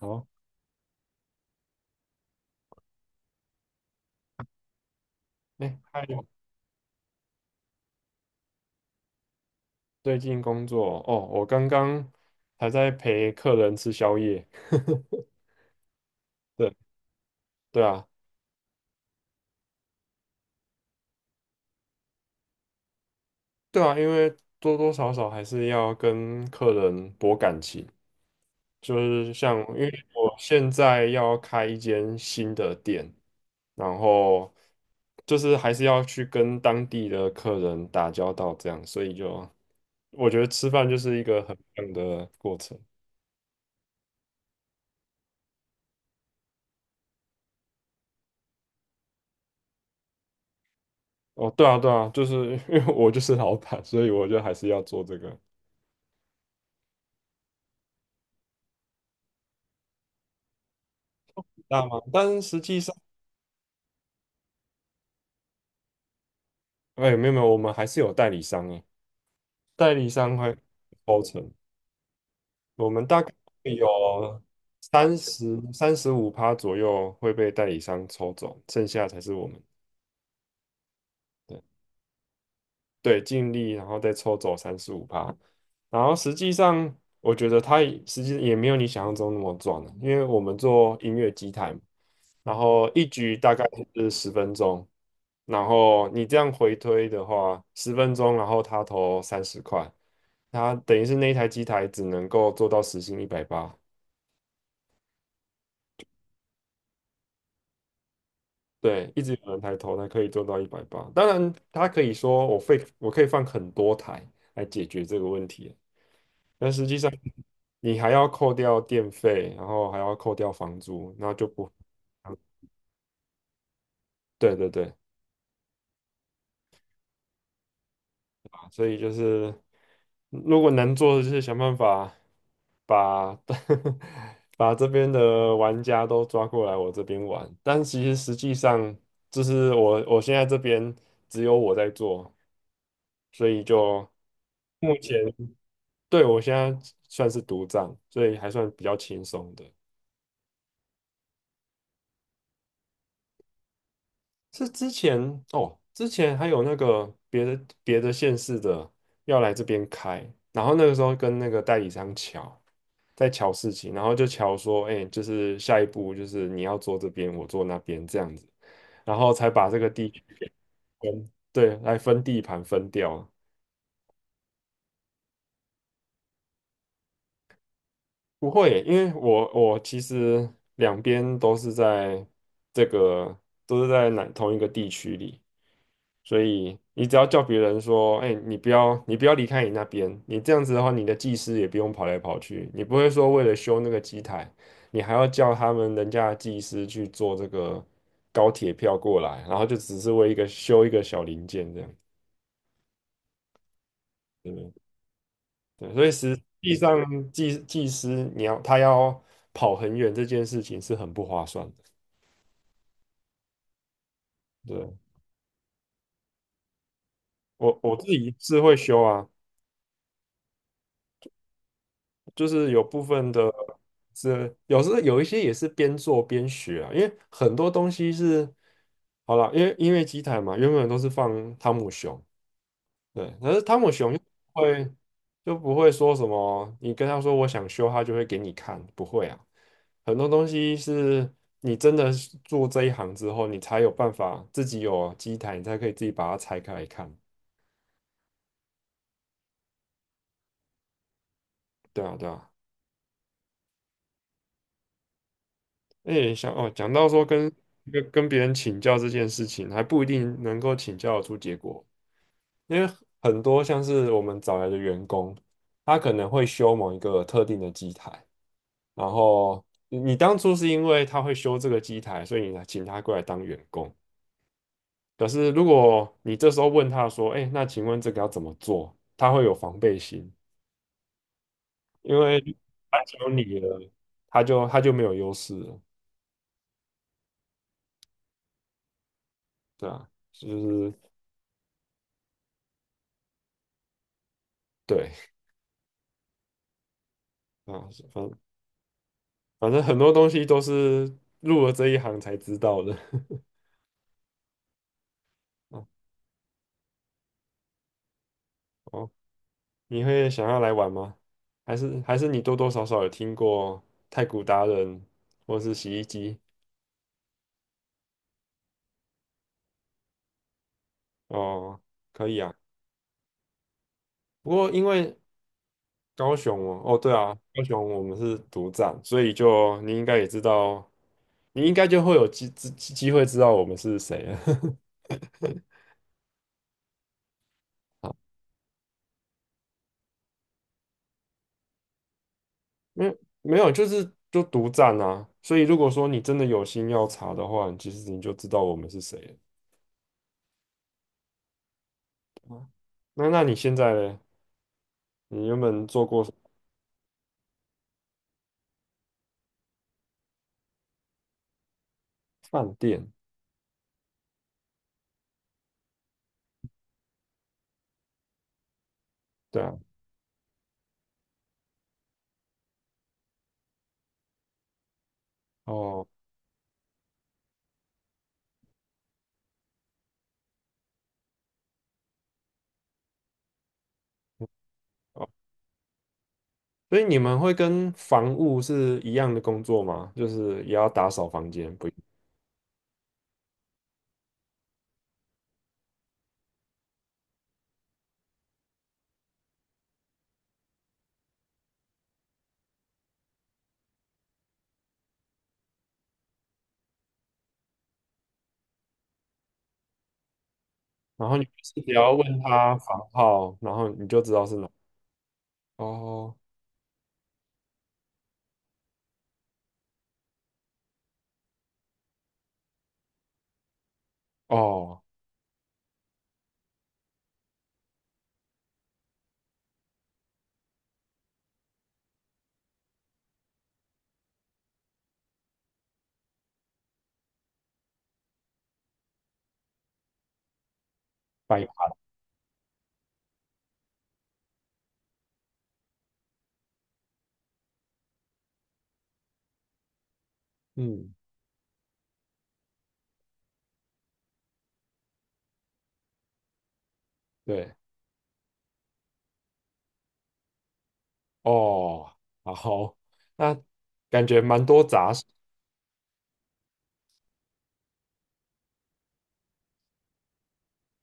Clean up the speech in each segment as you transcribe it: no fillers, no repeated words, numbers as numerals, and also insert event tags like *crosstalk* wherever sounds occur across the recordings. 好，哎，还有最近工作哦，我刚刚还在陪客人吃宵夜。*laughs* 对，对啊，对啊，因为多多少少还是要跟客人博感情，就是像因为我现在要开一间新的店，然后就是还是要去跟当地的客人打交道，这样，所以就我觉得吃饭就是一个很棒的过程。哦，对啊，对啊，就是 *laughs* 因为我就是老板，所以我就还是要做这个大吗？但是实际上，哎，没有没有，我们还是有代理商诶，代理商会抽成，我们大概会有三十五趴左右会被代理商抽走，剩下才是我们。对对，尽力然后再抽走三十五趴，然后实际上我觉得它也实际也没有你想象中那么赚了，因为我们做音乐机台嘛然后一局大概是十分钟。然后你这样回推的话，十分钟，然后他投30块，他等于是那一台机台只能够做到时薪一百八。对，一直有人抬头，它可以做到一百八。当然，他可以说我可以放很多台来解决这个问题，但实际上你还要扣掉电费，然后还要扣掉房租，然后就不，对对对，所以就是如果能做的就是想办法。把 *laughs* 把这边的玩家都抓过来我这边玩，但其实实际上就是我现在这边只有我在做，所以就目前对我现在算是独占，所以还算比较轻松的。是之前哦，之前还有那个别的县市的要来这边开，然后那个时候跟那个代理商抢。在瞧事情，然后就瞧说，哎、就是下一步就是你要坐这边，我坐那边这样子，然后才把这个地区分，对，来分地盘分掉啊。不会，因为我其实两边都是在这个都是在哪同一个地区里，所以你只要叫别人说，哎、你不要离开你那边，你这样子的话，你的技师也不用跑来跑去，你不会说为了修那个机台，你还要叫他们人家的技师去做这个高铁票过来，然后就只是为一个修一个小零件这样，对对，所以实际上技师他要跑很远这件事情是很不划算的。对，我自己是会修啊，就是有部分的是有时候有一些也是边做边学啊，因为很多东西是好了，因为机台嘛，原本都是放汤姆熊，对，可是汤姆熊会就不会说什么，你跟他说我想修，他就会给你看，不会啊。很多东西是你真的是做这一行之后，你才有办法自己有机台，你才可以自己把它拆开来看。对啊，对啊。哎，想哦，讲到说跟别人请教这件事情，还不一定能够请教得出结果，因为很多像是我们找来的员工，他可能会修某一个特定的机台。然后你当初是因为他会修这个机台，所以你请他过来当员工。可是如果你这时候问他说：“哎，那请问这个要怎么做？”他会有防备心，因为他只有你了，他就没有优势了，对啊，就是对啊，反正很多东西都是入了这一行才知道的。*laughs* 哦，哦你会想要来玩吗？还是你多多少少有听过太古达人或是洗衣机？哦，可以啊。不过因为高雄哦，哦对啊，高雄我们是独占，所以就你应该也知道，你应该就会有机会知道我们是谁了。*laughs* 好，没没有，就是就独占啊。所以如果说你真的有心要查的话，你其实你就知道我们是谁了。对吧那你现在呢？你原本做过什么饭店？对啊，哦哦，所以你们会跟房务是一样的工作吗？就是也要打扫房间，不？然后你就是只要问他房号，然后你就知道是哪。哦哦，百块嗯，对，哦，好，那感觉蛮多杂事，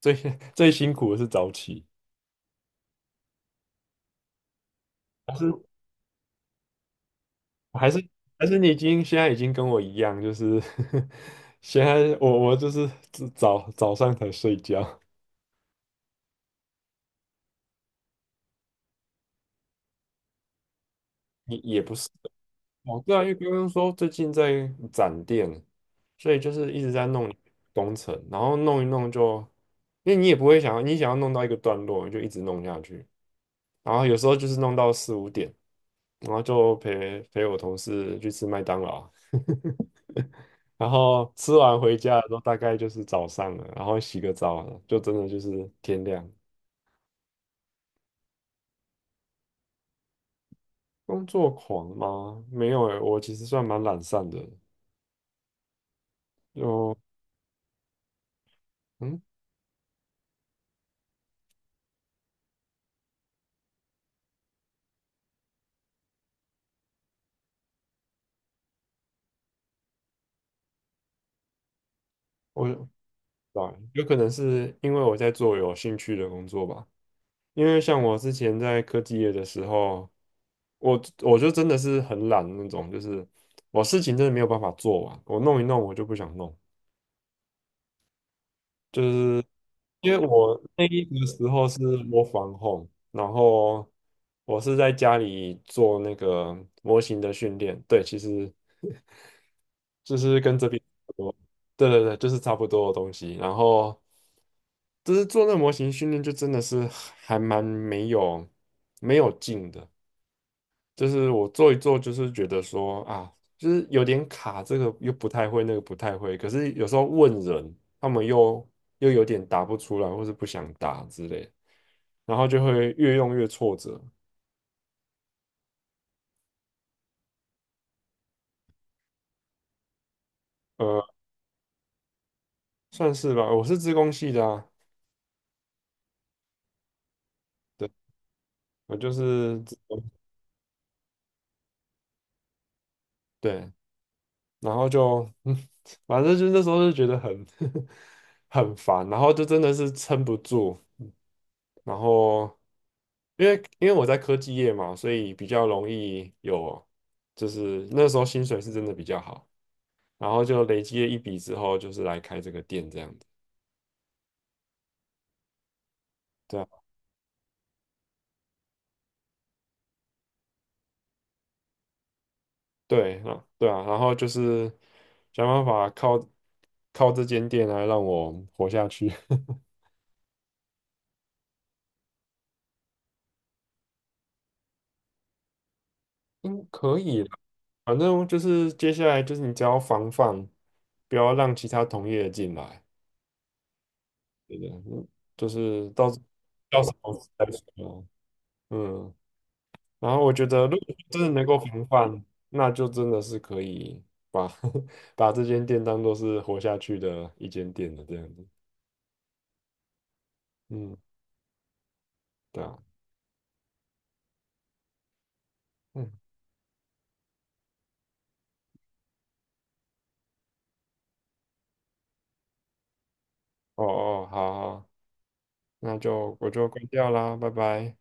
最 *laughs* 最辛苦的是早起，还是还是还是你现在已经跟我一样，就是 *laughs* 现在我就是早上才睡觉，也不是。哦，对啊，因为刚刚说最近在展店，所以就是一直在弄工程，然后弄一弄就，因为你也不会想要，你想要弄到一个段落，你就一直弄下去，然后有时候就是弄到四五点，然后就陪我同事去吃麦当劳，*laughs* 然后吃完回家的时候大概就是早上了，然后洗个澡了就真的就是天亮。工作狂吗？没有诶，我其实算蛮懒散的，就嗯。我。对啊，有可能是因为我在做有兴趣的工作吧。因为像我之前在科技业的时候，我就真的是很懒的那种，就是我事情真的没有办法做完，我弄一弄我就不想弄，就是因为我那一个时候是 w o r home，然后我是在家里做那个模型的训练，对，其实 *laughs* 就是跟这边差不多，对对对，就是差不多的东西，然后。就是做那个模型训练就真的是还蛮没有劲的，就是我做一做，就是觉得说啊，就是有点卡，这个又不太会，那个不太会，可是有时候问人，他们又有点答不出来，或是不想答之类的然后就会越用越挫折，呃，算是吧，我是资工系的啊，对，我就是资工对，然后就嗯，*laughs* 反正就那时候就觉得很 *laughs* 很烦，然后就真的是撑不住。然后因为我在科技业嘛，所以比较容易有，就是那时候薪水是真的比较好，然后就累积了一笔之后，就是来开这个店这样子。对啊，对啊，对啊，然后就是想办法靠这间店来让我活下去。*laughs* 嗯，可以啦，反正就是接下来就是你只要防范，不要让其他同业进来，对的，嗯就是到时候再说。嗯。然后我觉得，如果真的能够防范，那就真的是可以把 *laughs* 把这间店当做是活下去的一间店的这样子。嗯，对啊，嗯，哦哦，好好，那就我就关掉啦，拜拜。